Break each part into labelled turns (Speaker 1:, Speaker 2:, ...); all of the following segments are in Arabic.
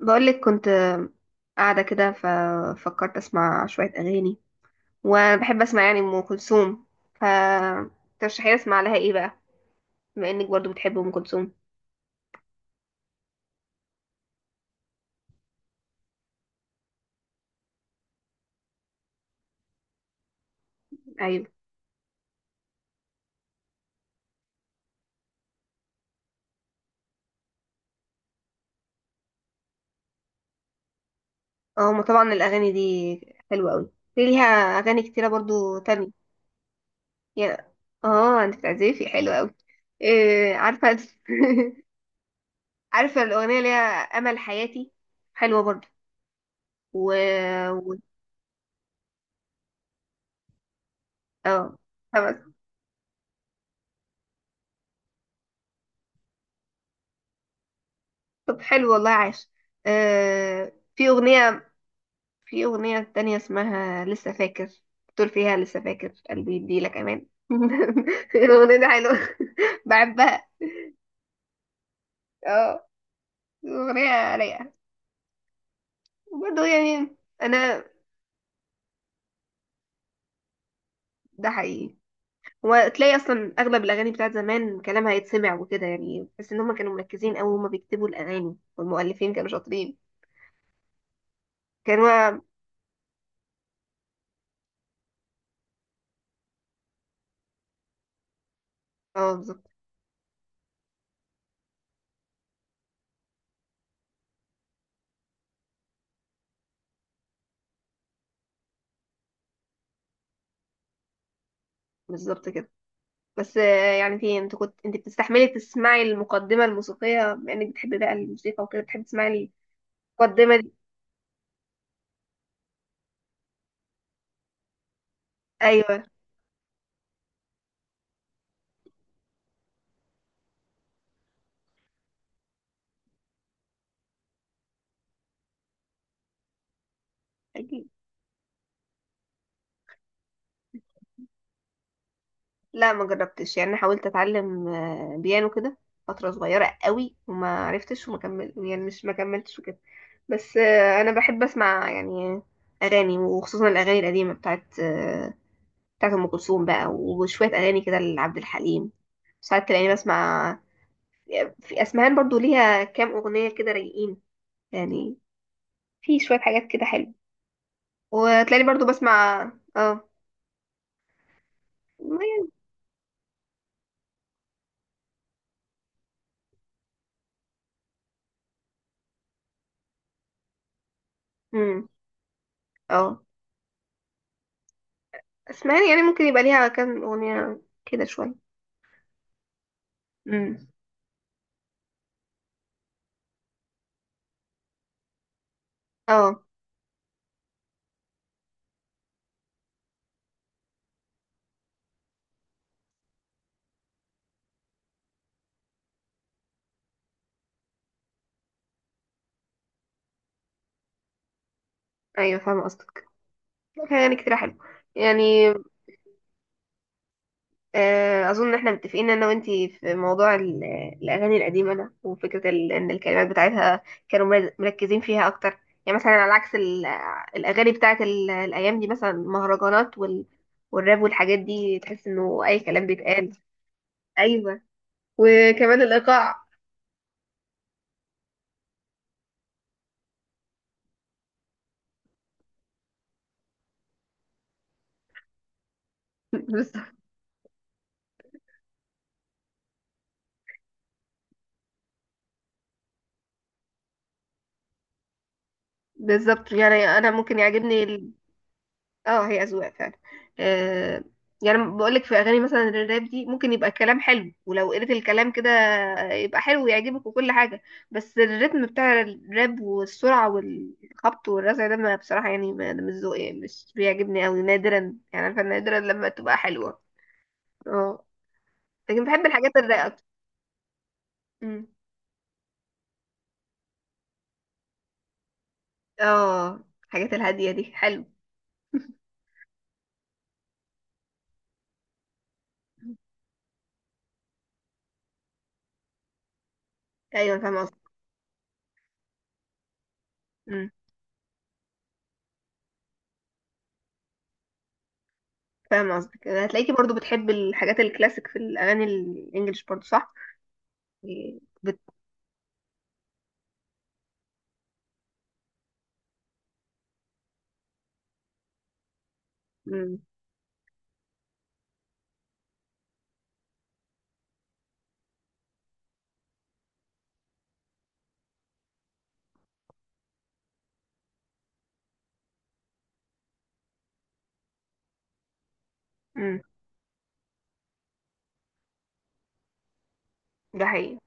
Speaker 1: بقولك كنت قاعدة كده، ففكرت أسمع شوية أغاني. وأنا بحب أسمع يعني أم كلثوم، فترشحي لي أسمع لها إيه بقى بما إنك برضو بتحب أم كلثوم؟ أيوة. هما طبعا الأغاني دي حلوة أوي، في ليها أغاني كتيرة برضو تانية. يا، أنت بتعزفي حلوة أوي. إيه عارفة عارفة الأغنية اللي هي أمل حياتي؟ حلوة برضو و, و... آه طب، طب، حلو والله، عاش. آه، في أغنية في أغنية تانية اسمها لسه فاكر، بتقول فيها: لسه فاكر قلبي يديلك أمان. الأغنية دي حلوة. بحبها. اه، الأغنية رايقة برضه يعني. أنا. ده حقيقي، وتلاقي أصلا أغلب الأغاني بتاعت زمان كلامها يتسمع وكده يعني، بس إن هما كانوا مركزين أوي، هما بيكتبوا الأغاني، والمؤلفين كانوا شاطرين. كانوا. اه، بالظبط. بالظبط كده. بس، يعني، انت بتستحملي تسمعي المقدمة الموسيقية، بما انك بتحبي بقى الموسيقى وكده بتحبي تسمعي؟ المقدمة، ايوه. أكيد. لا، ما جربتش يعني، حاولت اتعلم بيانو كده فتره صغيره قوي، وما عرفتش، وما كمل يعني مش ما كملتش وكده. بس، انا بحب اسمع يعني اغاني، وخصوصا الاغاني القديمه بتاعت ام كلثوم بقى، وشويه اغاني كده لعبد الحليم. ساعات تلاقيني بسمع. في اسمهان برضو ليها كام اغنيه كده رايقين يعني، في شويه حاجات كده حلوه. وتلاقيني برضو بسمع. اه. ما يعني- مم. اه، اسمعني يعني، ممكن يبقى ليها كام اغنية كده شوية. امم. اه. ايوه، فاهمة قصدك. كان يعني كتير حلو يعني. اظن ان احنا متفقين انا وانتي في موضوع الاغاني القديمة ده، وفكرة ان الكلمات بتاعتها كانوا مركزين فيها اكتر، يعني مثلا على عكس الاغاني بتاعت الايام دي، مثلا المهرجانات والراب والحاجات دي، تحس انه اي كلام بيتقال. ايوه، وكمان الايقاع. بالظبط. بالظبط يعني، انا ممكن يعجبني. اه، هي اذواق فعلا. آه يعني بقول لك، في اغاني مثلا الراب دي ممكن يبقى الكلام حلو، ولو قريت الكلام كده يبقى حلو ويعجبك وكل حاجه. بس الريتم بتاع الراب والسرعه والخبط والرزع ده، ما بصراحه يعني، ما ده مش ذوقي يعني، مش بيعجبني قوي، نادرا يعني، عارفه نادرا لما تبقى حلوه. اه، لكن بحب الحاجات الرايقه اكتر. أمم. اه، الحاجات الهاديه دي حلو. ايوه، فاهمه قصدك. أمم، فاهمه قصدك، هتلاقيكي برضو بتحب الحاجات الكلاسيك في الاغاني الانجليش برضو، صح؟ امم. امم، ده حقيقي.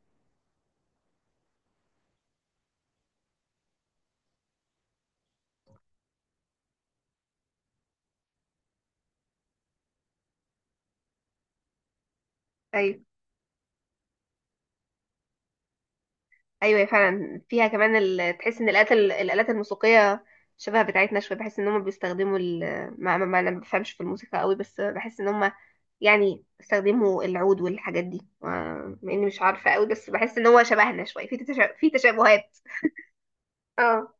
Speaker 1: ايوه، ايوه، هي فعلا فيها كمان تحس ان الالات الالات الموسيقيه شبه بتاعتنا شويه. بحس ان هم بيستخدموا ما... ما... ما انا ما بفهمش في الموسيقى قوي، بس بحس ان هم يعني استخدموا العود والحاجات دي مع اني مش عارفه قوي، بس بحس ان هو شبهنا شويه في في تشابهات. اه.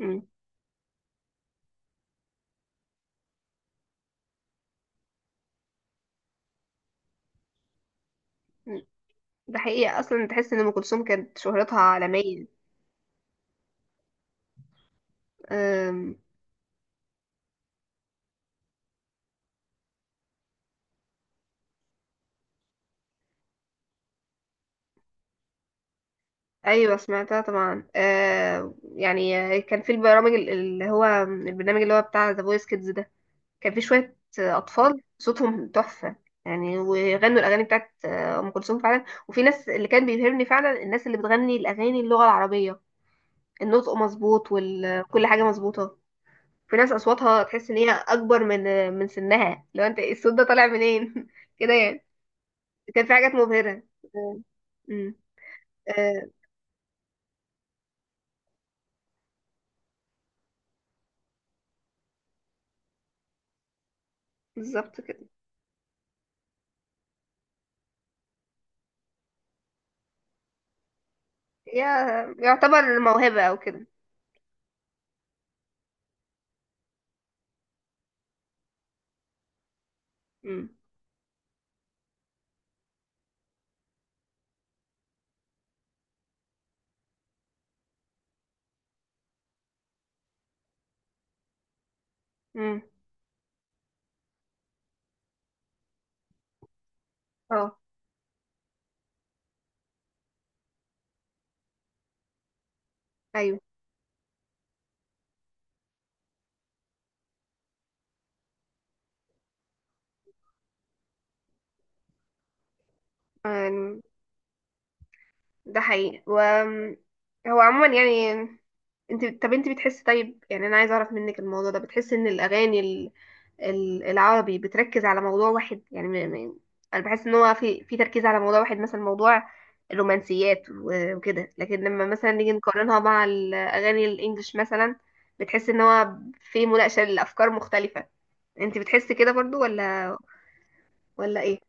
Speaker 1: امم، ده حقيقي، اصلا تحس ان ام كلثوم كانت شهرتها عالميه. أم... ايوه، سمعتها طبعا، يعني كان في اللي هو البرنامج اللي هو بتاع ذا فويس كيدز ده، كان في شويه اطفال صوتهم تحفه. يعني وغنوا الاغاني بتاعت ام كلثوم فعلا، وفي ناس اللي كان بيبهرني فعلا الناس اللي بتغني الاغاني اللغه العربيه، النطق مظبوط وكل حاجه مظبوطه. في ناس اصواتها تحس ان هي اكبر من سنها، لو انت إيه الصوت ده طالع منين؟ كده يعني. كان في حاجات مبهره. آه، أمم، آه، بالظبط كده. يعتبر موهبة أو كده. مم. مم. اه. أيوه. يعني، ده حقيقي. هو عموما يعني، انت بتحس، طيب يعني انا عايزه اعرف منك، الموضوع ده بتحس ان الاغاني العربي بتركز على موضوع واحد يعني انا بحس ان هو في تركيز على موضوع واحد، مثلا موضوع الرومانسيات وكده، لكن لما مثلا نيجي نقارنها مع الاغاني الانجليش مثلا، بتحس ان هو في مناقشه لافكار مختلفه. انت بتحس كده برضو، ولا؟ ولا ايه؟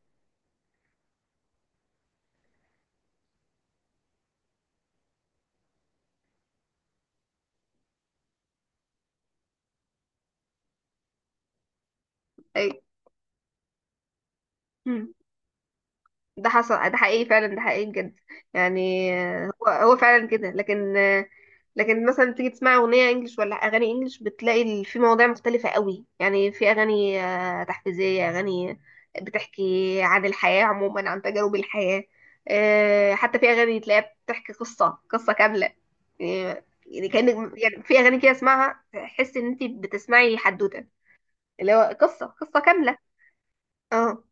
Speaker 1: اي. ده حقيقي فعلا، ده حقيقي بجد. يعني، هو فعلا كده، لكن، لكن مثلا تيجي تسمع اغنيه انجلش ولا اغاني انجلش، بتلاقي في مواضيع مختلفه قوي يعني. في اغاني تحفيزيه، اغاني بتحكي عن الحياه عموما، عن تجارب الحياه. حتى في اغاني تلاقيها بتحكي قصه كامله. يعني، كأنك يعني، في اغاني كده اسمعها تحس ان انت بتسمعي حدوته، اللي هو قصه كامله. اه.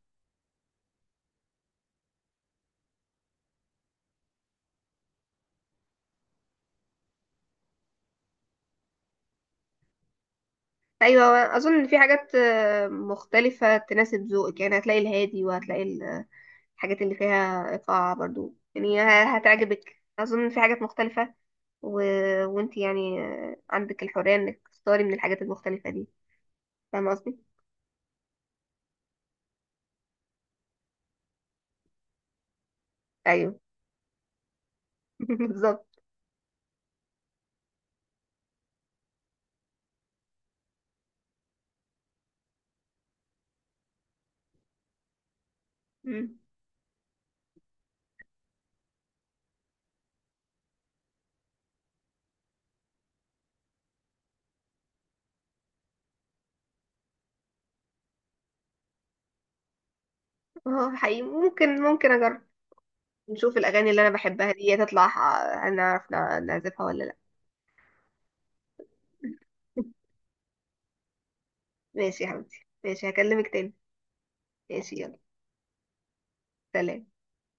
Speaker 1: ايوه، اظن ان في حاجات مختلفه تناسب ذوقك، يعني هتلاقي الهادي، وهتلاقي الحاجات اللي فيها ايقاع برضو، يعني هتعجبك. اظن إن في حاجات مختلفه. و... وانت يعني عندك الحريه انك تختاري من الحاجات المختلفه دي، فاهمه قصدي؟ ايوه، بالظبط. مم. اه، حقيقي، ممكن اجرب. نشوف الاغاني اللي انا بحبها دي تطلع هنعرف نعزفها ولا لا؟ ماشي يا حبيبتي، ماشي، هكلمك تاني. ماشي، يلا، سلام.